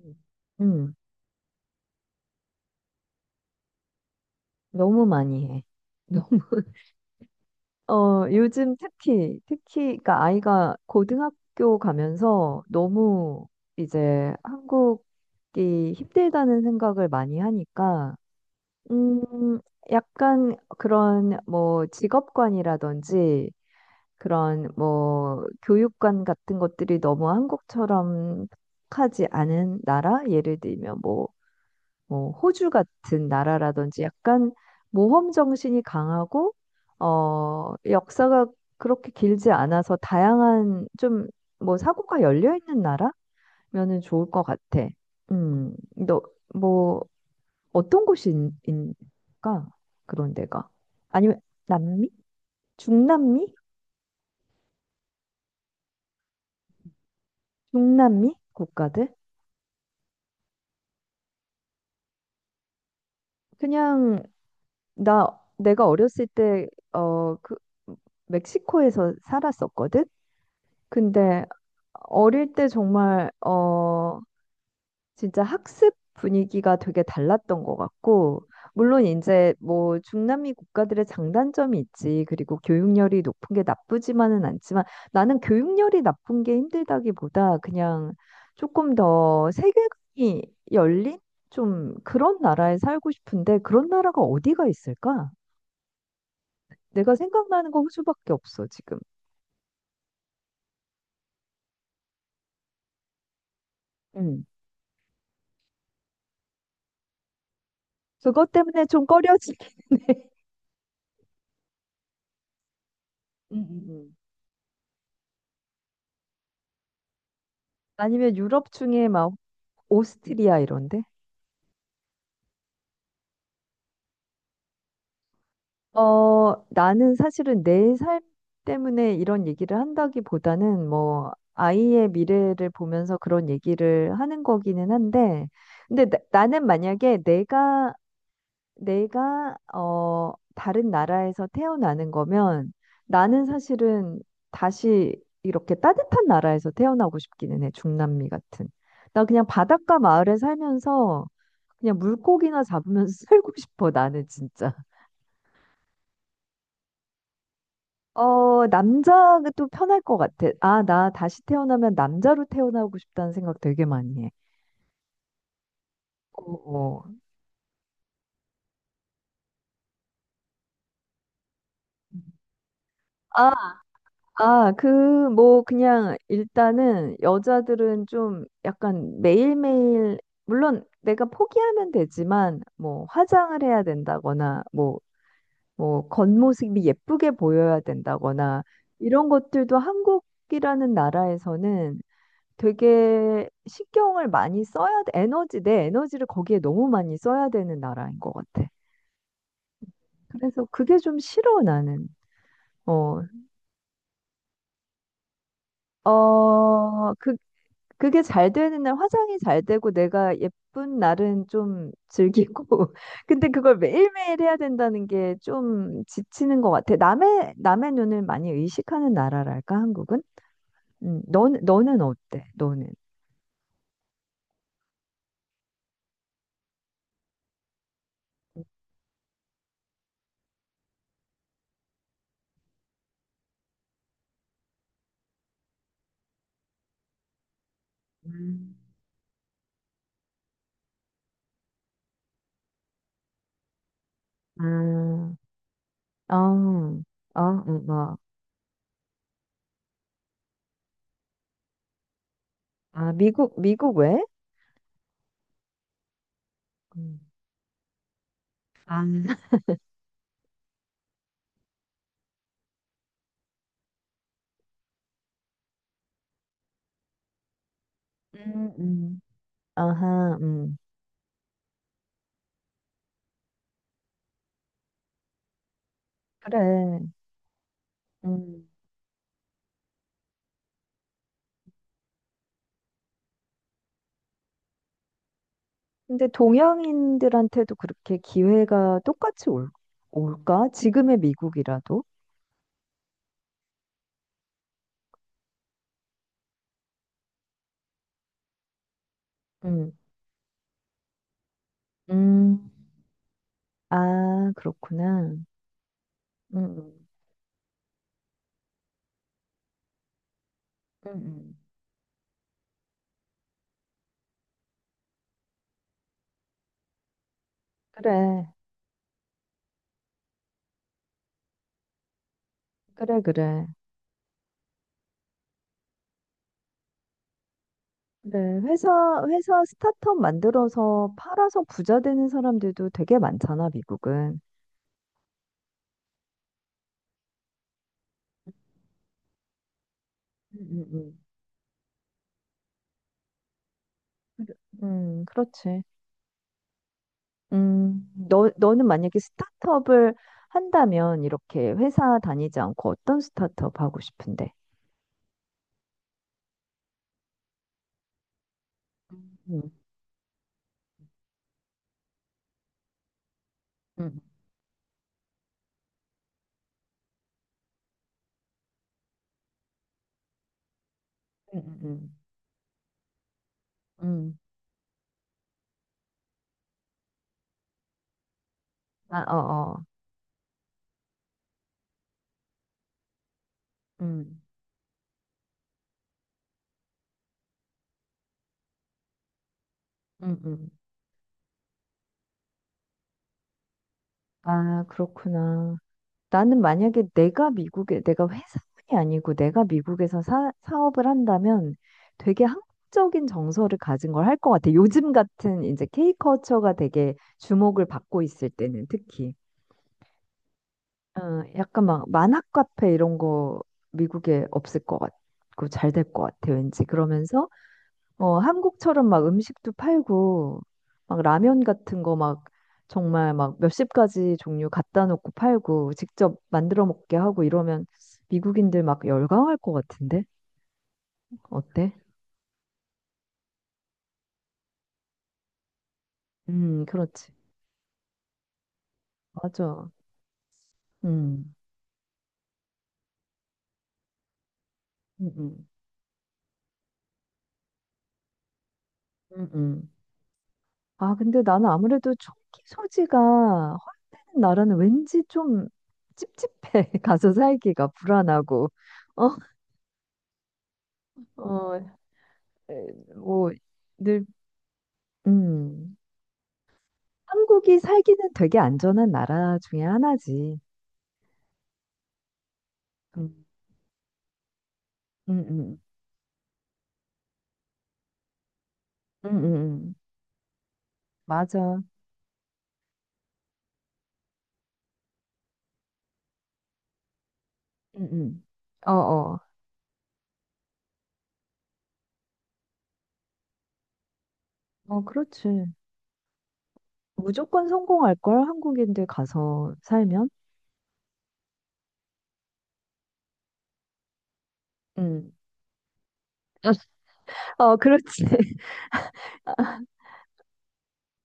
응, 응. 너무 많이 해. 너무, 요즘 특히, 그러니까 아이가 고등학교 가면서 너무 이제 한국이 힘들다는 생각을 많이 하니까, 음, 약간 그런 뭐 직업관이라든지 그런 뭐 교육관 같은 것들이 너무 한국처럼 하지 않은 나라? 예를 들면 뭐 호주 같은 나라라든지 약간 모험 정신이 강하고 역사가 그렇게 길지 않아서 다양한 좀 뭐 사고가 열려 있는 나라면은 좋을 것 같아. 너 뭐 어떤 곳이 인가 그런 데가 아니면 남미? 중남미? 중남미 국가들? 그냥 나 내가 어렸을 때 그 멕시코에서 살았었거든. 근데 어릴 때 정말 진짜 학습 분위기가 되게 달랐던 것 같고 물론 이제 뭐 중남미 국가들의 장단점이 있지 그리고 교육열이 높은 게 나쁘지만은 않지만 나는 교육열이 나쁜 게 힘들다기보다 그냥 조금 더 세계관이 열린 좀 그런 나라에 살고 싶은데 그런 나라가 어디가 있을까? 내가 생각나는 건 호주밖에 없어 지금. 음. 그것 때문에 좀 꺼려지게 음, 음, 음. 아니면 유럽 중에 막 오스트리아 이런데? 나는 사실은 내 삶 때문에 이런 얘기를 한다기보다는 뭐 아이의 미래를 보면서 그런 얘기를 하는 거기는 한데, 근데 나는 만약에 내가 다른 나라에서 태어나는 거면 나는 사실은 다시 이렇게 따뜻한 나라에서 태어나고 싶기는 해. 중남미 같은. 나 그냥 바닷가 마을에 살면서 그냥 물고기나 잡으면서 살고 싶어. 나는 진짜. 남자가 또 편할 것 같아. 아, 나 다시 태어나면 남자로 태어나고 싶다는 생각 되게 많이 해. 어, 어. 아, 아, 그, 뭐, 그냥, 일단은, 여자들은 좀 약간 매일매일, 물론 내가 포기하면 되지만, 뭐, 화장을 해야 된다거나, 뭐, 겉모습이 예쁘게 보여야 된다거나, 이런 것들도 한국이라는 나라에서는 되게 신경을 많이 써야 돼. 에너지, 내 에너지를 거기에 너무 많이 써야 되는 나라인 것 같아. 그래서 그게 좀 싫어, 나는. 어, 어, 그게 잘 되는 날, 화장이 잘 되고 내가 예쁜 날은 좀 즐기고. 근데 그걸 매일매일 해야 된다는 게 좀 지치는 것 같아. 남의 눈을 많이 의식하는 나라랄까, 한국은? 너는 어때? 너는? 음. 아 어, 어, 어. 아, 미국 왜? 음, 아, 음, 음. 아하, 그래. 음. 근데 동양인들한테도 그렇게 기회가 똑같이 올까? 지금의 미국이라도? 음, 음. 아, 그렇구나. 음, 음. 그래, 그래, 그래. 그래. 회사 스타트업 만들어서 팔아서 부자 되는 사람들도 되게 많잖아, 미국은. 음, 음, 음. 그래. 그렇지. 너는 만약에 스타트업을 한다면 이렇게 회사 다니지 않고 어떤 스타트업 하고 싶은데? 음, 음, 음, 음, 음. 아, 어, 어, 음, 음, 음. 아, 그렇구나. 나는 만약에 내가 미국에, 내가 회사원이 아니고 내가 미국에서 사업을 한다면 되게 한국적인 정서를 가진 걸 할 것 같아. 요즘 같은 이제 K컬처가 되게 주목을 받고 있을 때는 특히. 어, 약간 막 만화 카페 이런 거 미국에 없을 것 같고 잘 될 것 같아 왠지 그러면서 한국처럼 막 음식도 팔고 막 라면 같은 거 막 정말 막 몇십 가지 종류 갖다 놓고 팔고 직접 만들어 먹게 하고 이러면 미국인들 막 열광할 것 같은데 어때? 그렇지 맞아 음음음음 아, 근데 나는 아무래도 총기 소지가 허용되는 나라는 왠지 좀 찝찝해. 가서 살기가 불안하고. 어, 어, 에, 뭐, 늘, 음. 한국이 살기는 되게 안전한 나라 중에 하나지. 음, 음, 음, 음, 음. 음. 맞아. 음, 음. 어, 어. 어, 그렇지. 무조건 성공할걸, 한국인들 가서 살면. 음. 어, 그렇지.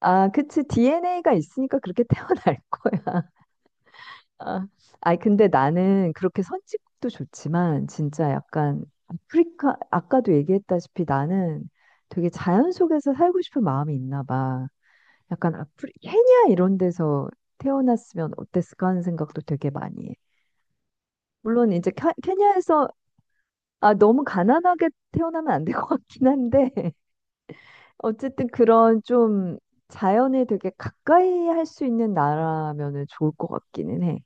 아, 그치. DNA가 있으니까 그렇게 태어날 거야. 아, 아니 근데 나는 그렇게 선진국도 좋지만 진짜 약간 아프리카 아까도 얘기했다시피 나는 되게 자연 속에서 살고 싶은 마음이 있나 봐. 약간 아프리 케냐 이런 데서 태어났으면 어땠을까 하는 생각도 되게 많이 해. 물론 이제 케냐에서 아 너무 가난하게 태어나면 안 될 것 같긴 한데 어쨌든 그런 좀 자연에 되게 가까이 할 수 있는 나라면은 좋을 것 같기는 해.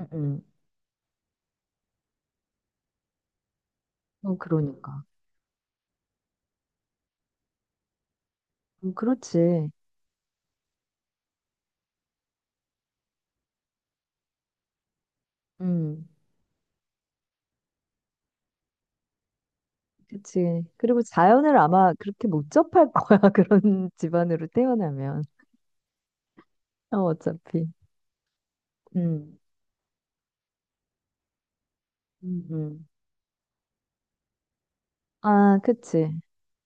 음, 음. 어, 그러니까. 그렇지. 음, 그치. 그리고 자연을 아마 그렇게 못 접할 거야. 그런 집안으로 태어나면. 어, 어차피. 음, 음, 음. 아, 그치.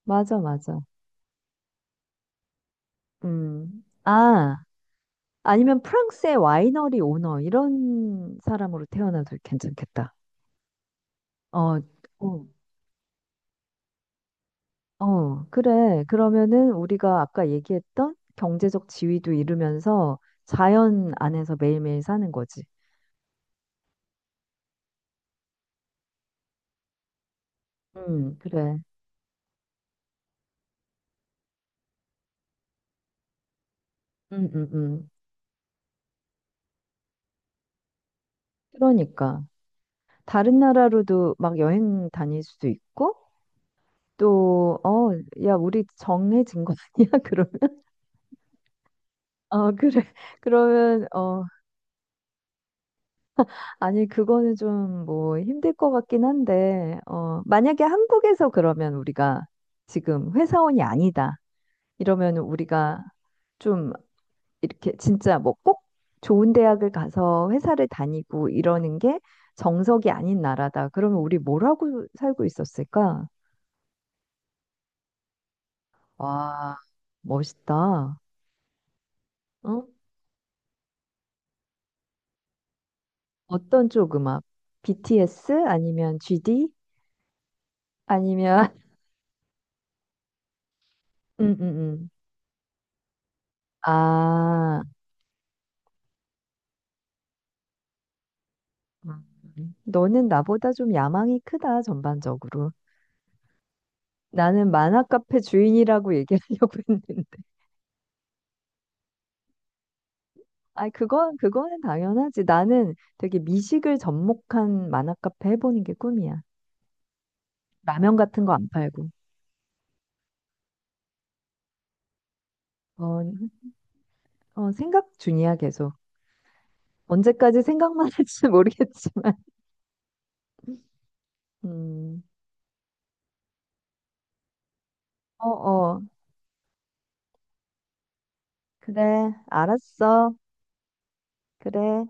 맞아, 맞아. 음. 아, 아니면 프랑스의 와이너리 오너, 이런 사람으로 태어나도 괜찮겠다. 어, 어, 어, 그래. 그러면은 우리가 아까 얘기했던 경제적 지위도 이루면서 자연 안에서 매일매일 사는 거지. 그래. 음, 음, 음. 그러니까. 다른 나라로도 막 여행 다닐 수도 있고 또, 야, 우리 정해진 거 아니야? 그러면? 어, 그래. 그러면, 아니, 그거는 좀 뭐 힘들 것 같긴 한데, 만약에 한국에서 그러면 우리가 지금 회사원이 아니다. 이러면 우리가 좀 이렇게 진짜 뭐 꼭 좋은 대학을 가서 회사를 다니고 이러는 게 정석이 아닌 나라다. 그러면 우리 뭐라고 살고 있었을까? 와, 멋있다. 어? 어떤 쪽 음악? BTS 아니면 GD 아니면 응응응. 아, 너는 나보다 좀 야망이 크다 전반적으로. 나는 만화 카페 주인이라고 얘기하려고 했는데. 아, 그건 그거는 당연하지. 나는 되게 미식을 접목한 만화 카페 해보는 게 꿈이야. 라면 같은 거 안 팔고. 어, 어, 생각 중이야 계속. 언제까지 생각만 할지 모르겠지만. 음. 어, 어. 그래, 알았어. 그래.